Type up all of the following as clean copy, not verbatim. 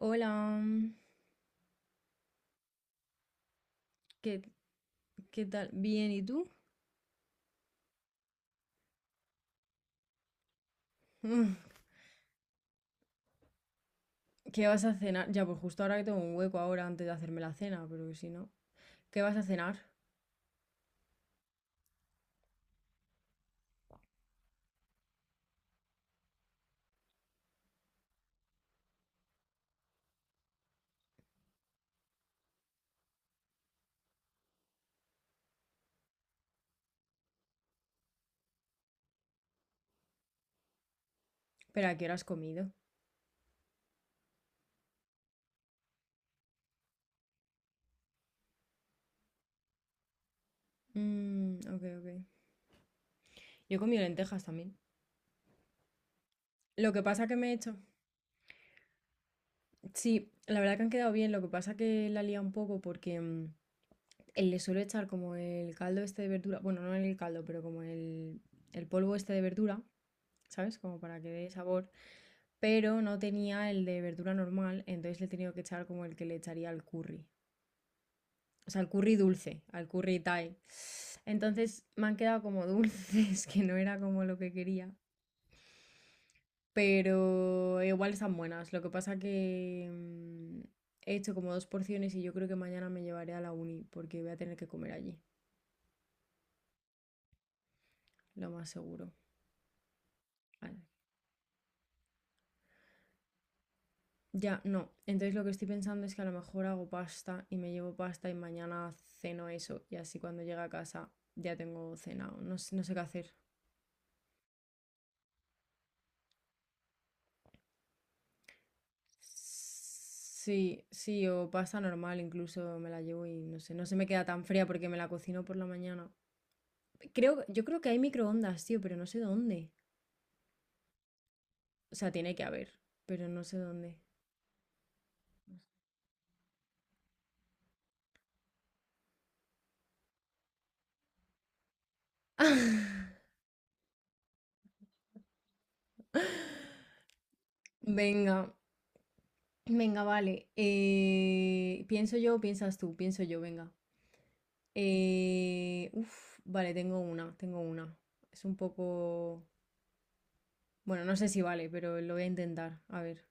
Hola, ¿qué, qué tal? Bien, ¿y tú? Mm, ¿Qué vas a cenar? Ya, pues justo ahora que tengo un hueco ahora antes de hacerme la cena, pero que si no. ¿Qué vas a cenar? ¿Pero a qué hora has comido? Ok, ok. Yo he comido lentejas también. Lo que pasa que me he hecho... Sí, la verdad que han quedado bien, lo que pasa que la lía un poco porque él le suelo echar como el caldo este de verdura, bueno, no el caldo, pero como el polvo este de verdura, ¿sabes? Como para que dé sabor. Pero no tenía el de verdura normal, entonces le he tenido que echar como el que le echaría al curry. O sea, al curry dulce, al curry Thai. Entonces me han quedado como dulces, que no era como lo que quería. Pero igual están buenas. Lo que pasa que he hecho como dos porciones y yo creo que mañana me llevaré a la uni porque voy a tener que comer allí, lo más seguro. Ah, ya, no. Entonces lo que estoy pensando es que a lo mejor hago pasta y me llevo pasta y mañana ceno eso y así cuando llegue a casa ya tengo cenado. No, no sé qué hacer. Sí, sí, o pasta normal incluso me la llevo y no sé, no se me queda tan fría porque me la cocino por la mañana. Creo, yo creo que hay microondas, tío, pero no sé dónde. O sea, tiene que haber, pero no sé dónde. Venga, venga, vale. Pienso yo, o piensas tú, pienso yo, venga. Vale, tengo una. Es un poco... Bueno, no sé si vale, pero lo voy a intentar. A ver.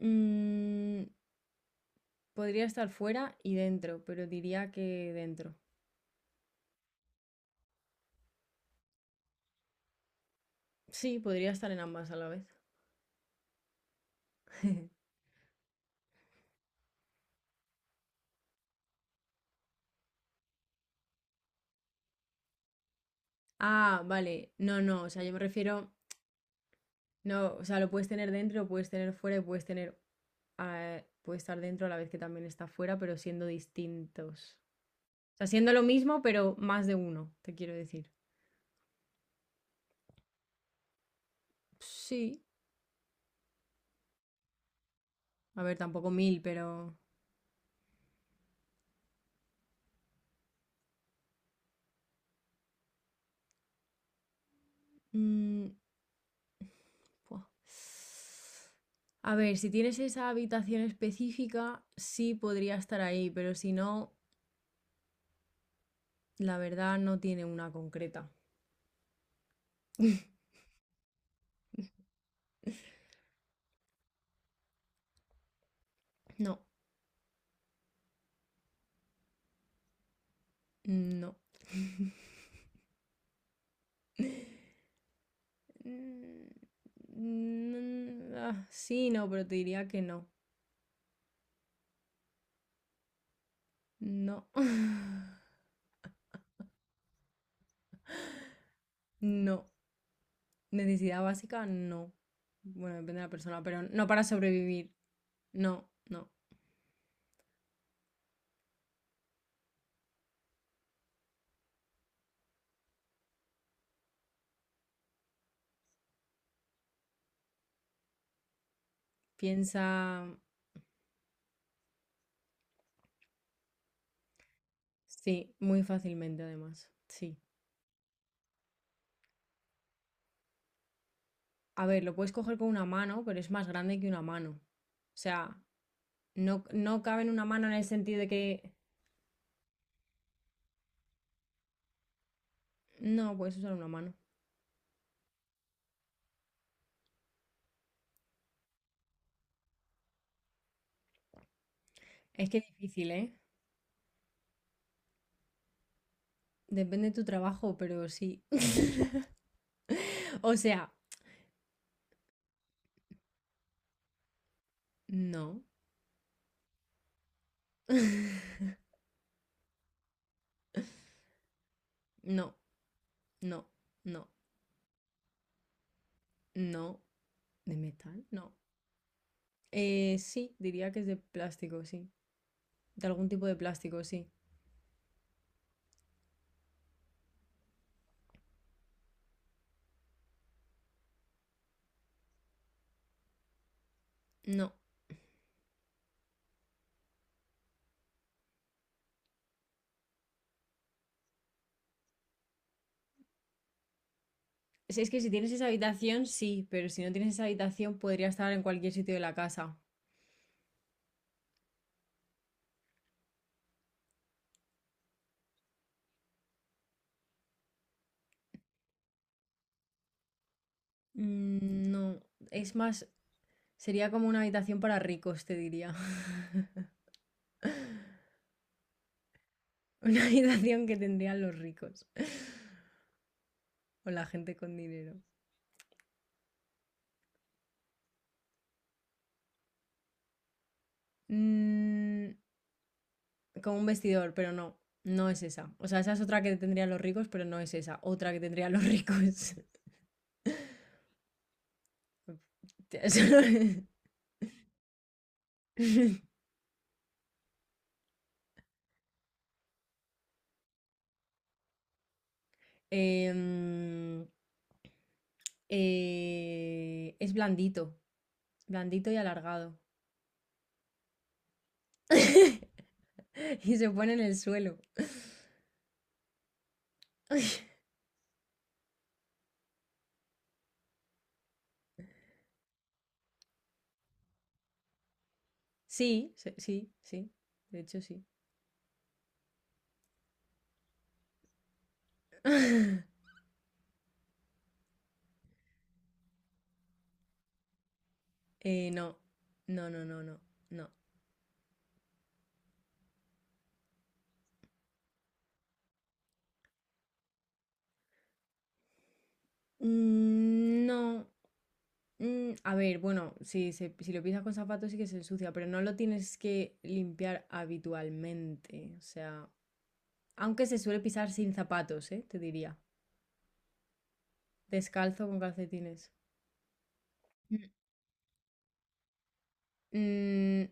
Mm, podría estar fuera y dentro, pero diría que dentro. Sí, podría estar en ambas a la vez. Ah, vale. No, no, o sea, yo me refiero... No, o sea, lo puedes tener dentro, lo puedes tener fuera y puedes tener... Ah, puede estar dentro a la vez que también está fuera, pero siendo distintos. O sea, siendo lo mismo, pero más de uno, te quiero decir. Sí. A ver, tampoco mil, pero... mm, buah. A ver, si tienes esa habitación específica, sí podría estar ahí, pero si no, la verdad no tiene una concreta. No, no. Sí, no, pero te diría que no. No. No. Necesidad básica, no. Bueno, depende de la persona, pero no para sobrevivir. No, no. Piensa. Sí, muy fácilmente además. Sí. A ver, lo puedes coger con una mano, pero es más grande que una mano. O sea, no, no cabe en una mano en el sentido de que no puedes usar una mano. Es difícil, ¿eh? Depende de tu trabajo, pero sí. O sea, no. No, no, no, no. ¿De metal? No. Sí, diría que es de plástico, sí. De algún tipo de plástico, sí. No. Es que si tienes esa habitación, sí, pero si no tienes esa habitación, podría estar en cualquier sitio de la casa. Mm, no, es más, sería como una habitación para ricos, te diría. Una habitación que tendrían los ricos o la gente con dinero. Mm, como un vestidor, pero no, no es esa. O sea, esa es otra que tendrían los ricos, pero no es esa. Otra que tendrían los ricos. Eso es. Em, es blandito. Blandito y alargado. Y se pone en el suelo. Sí, sí, sí. De hecho, sí. No, no, no, no, no, no. Mm, no. Mm, a ver, bueno, si, si lo pisas con zapatos sí que se ensucia, pero no lo tienes que limpiar habitualmente. O sea, aunque se suele pisar sin zapatos, ¿eh? Te diría. Descalzo con calcetines. Mm,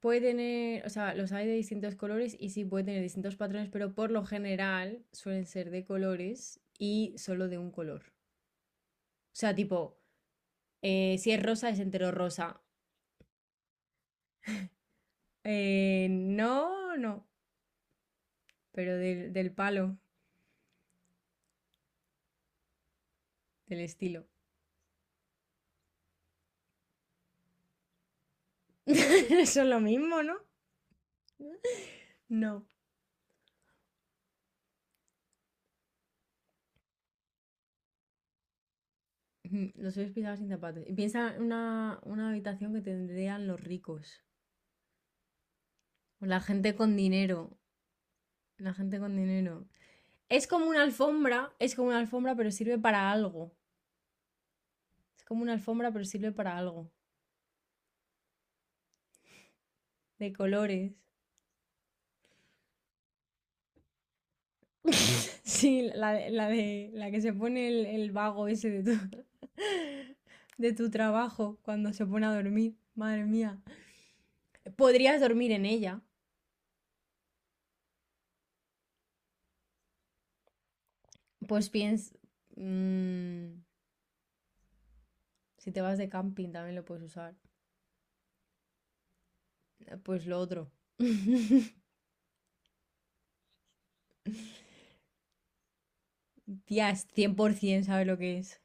puede tener, o sea, los hay de distintos colores y sí puede tener distintos patrones, pero por lo general suelen ser de colores y solo de un color. O sea, tipo, si es rosa, es entero rosa. No, no, pero del palo, del estilo. Eso es lo mismo, ¿no? No. Ujú, los sueles pisar sin zapatos. Y piensa en una habitación que tendrían los ricos. O la gente con dinero. La gente con dinero. Es como una alfombra, es como una alfombra, pero sirve para algo. Es como una alfombra, pero sirve para algo. De colores. Sí, la de la que se pone el vago ese de tu, de tu trabajo cuando se pone a dormir. Madre mía. Podrías dormir en ella. Pues piens mm, si te vas de camping también lo puedes usar. Pues lo otro. Tía, es 100% sabe lo que es.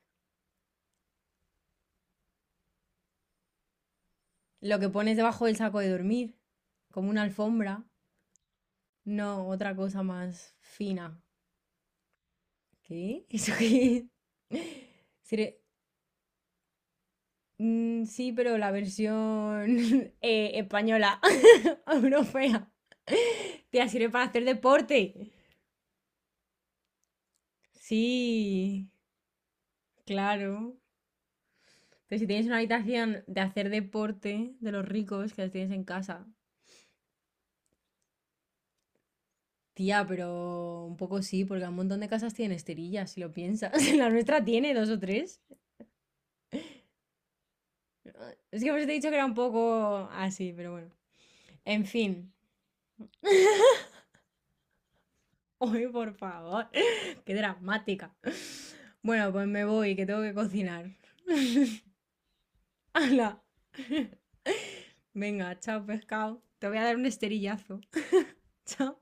Lo que pones debajo del saco de dormir, como una alfombra. No, otra cosa más fina. ¿Qué? ¿Eso qué es? Sire- sí, pero la versión española, europea. Tía, sirve para hacer deporte. Sí, claro. Pero si tienes una habitación de hacer deporte de los ricos que las tienes en casa. Tía, pero un poco sí, porque un montón de casas tienen esterillas, si lo piensas. La nuestra tiene dos o tres. Es que por eso te he dicho que era un poco así, pero bueno. En fin. Uy, por favor. Qué dramática. Bueno, pues me voy, que tengo que cocinar. ¡Hala! Venga, chao pescado. Te voy a dar un esterillazo. Chao.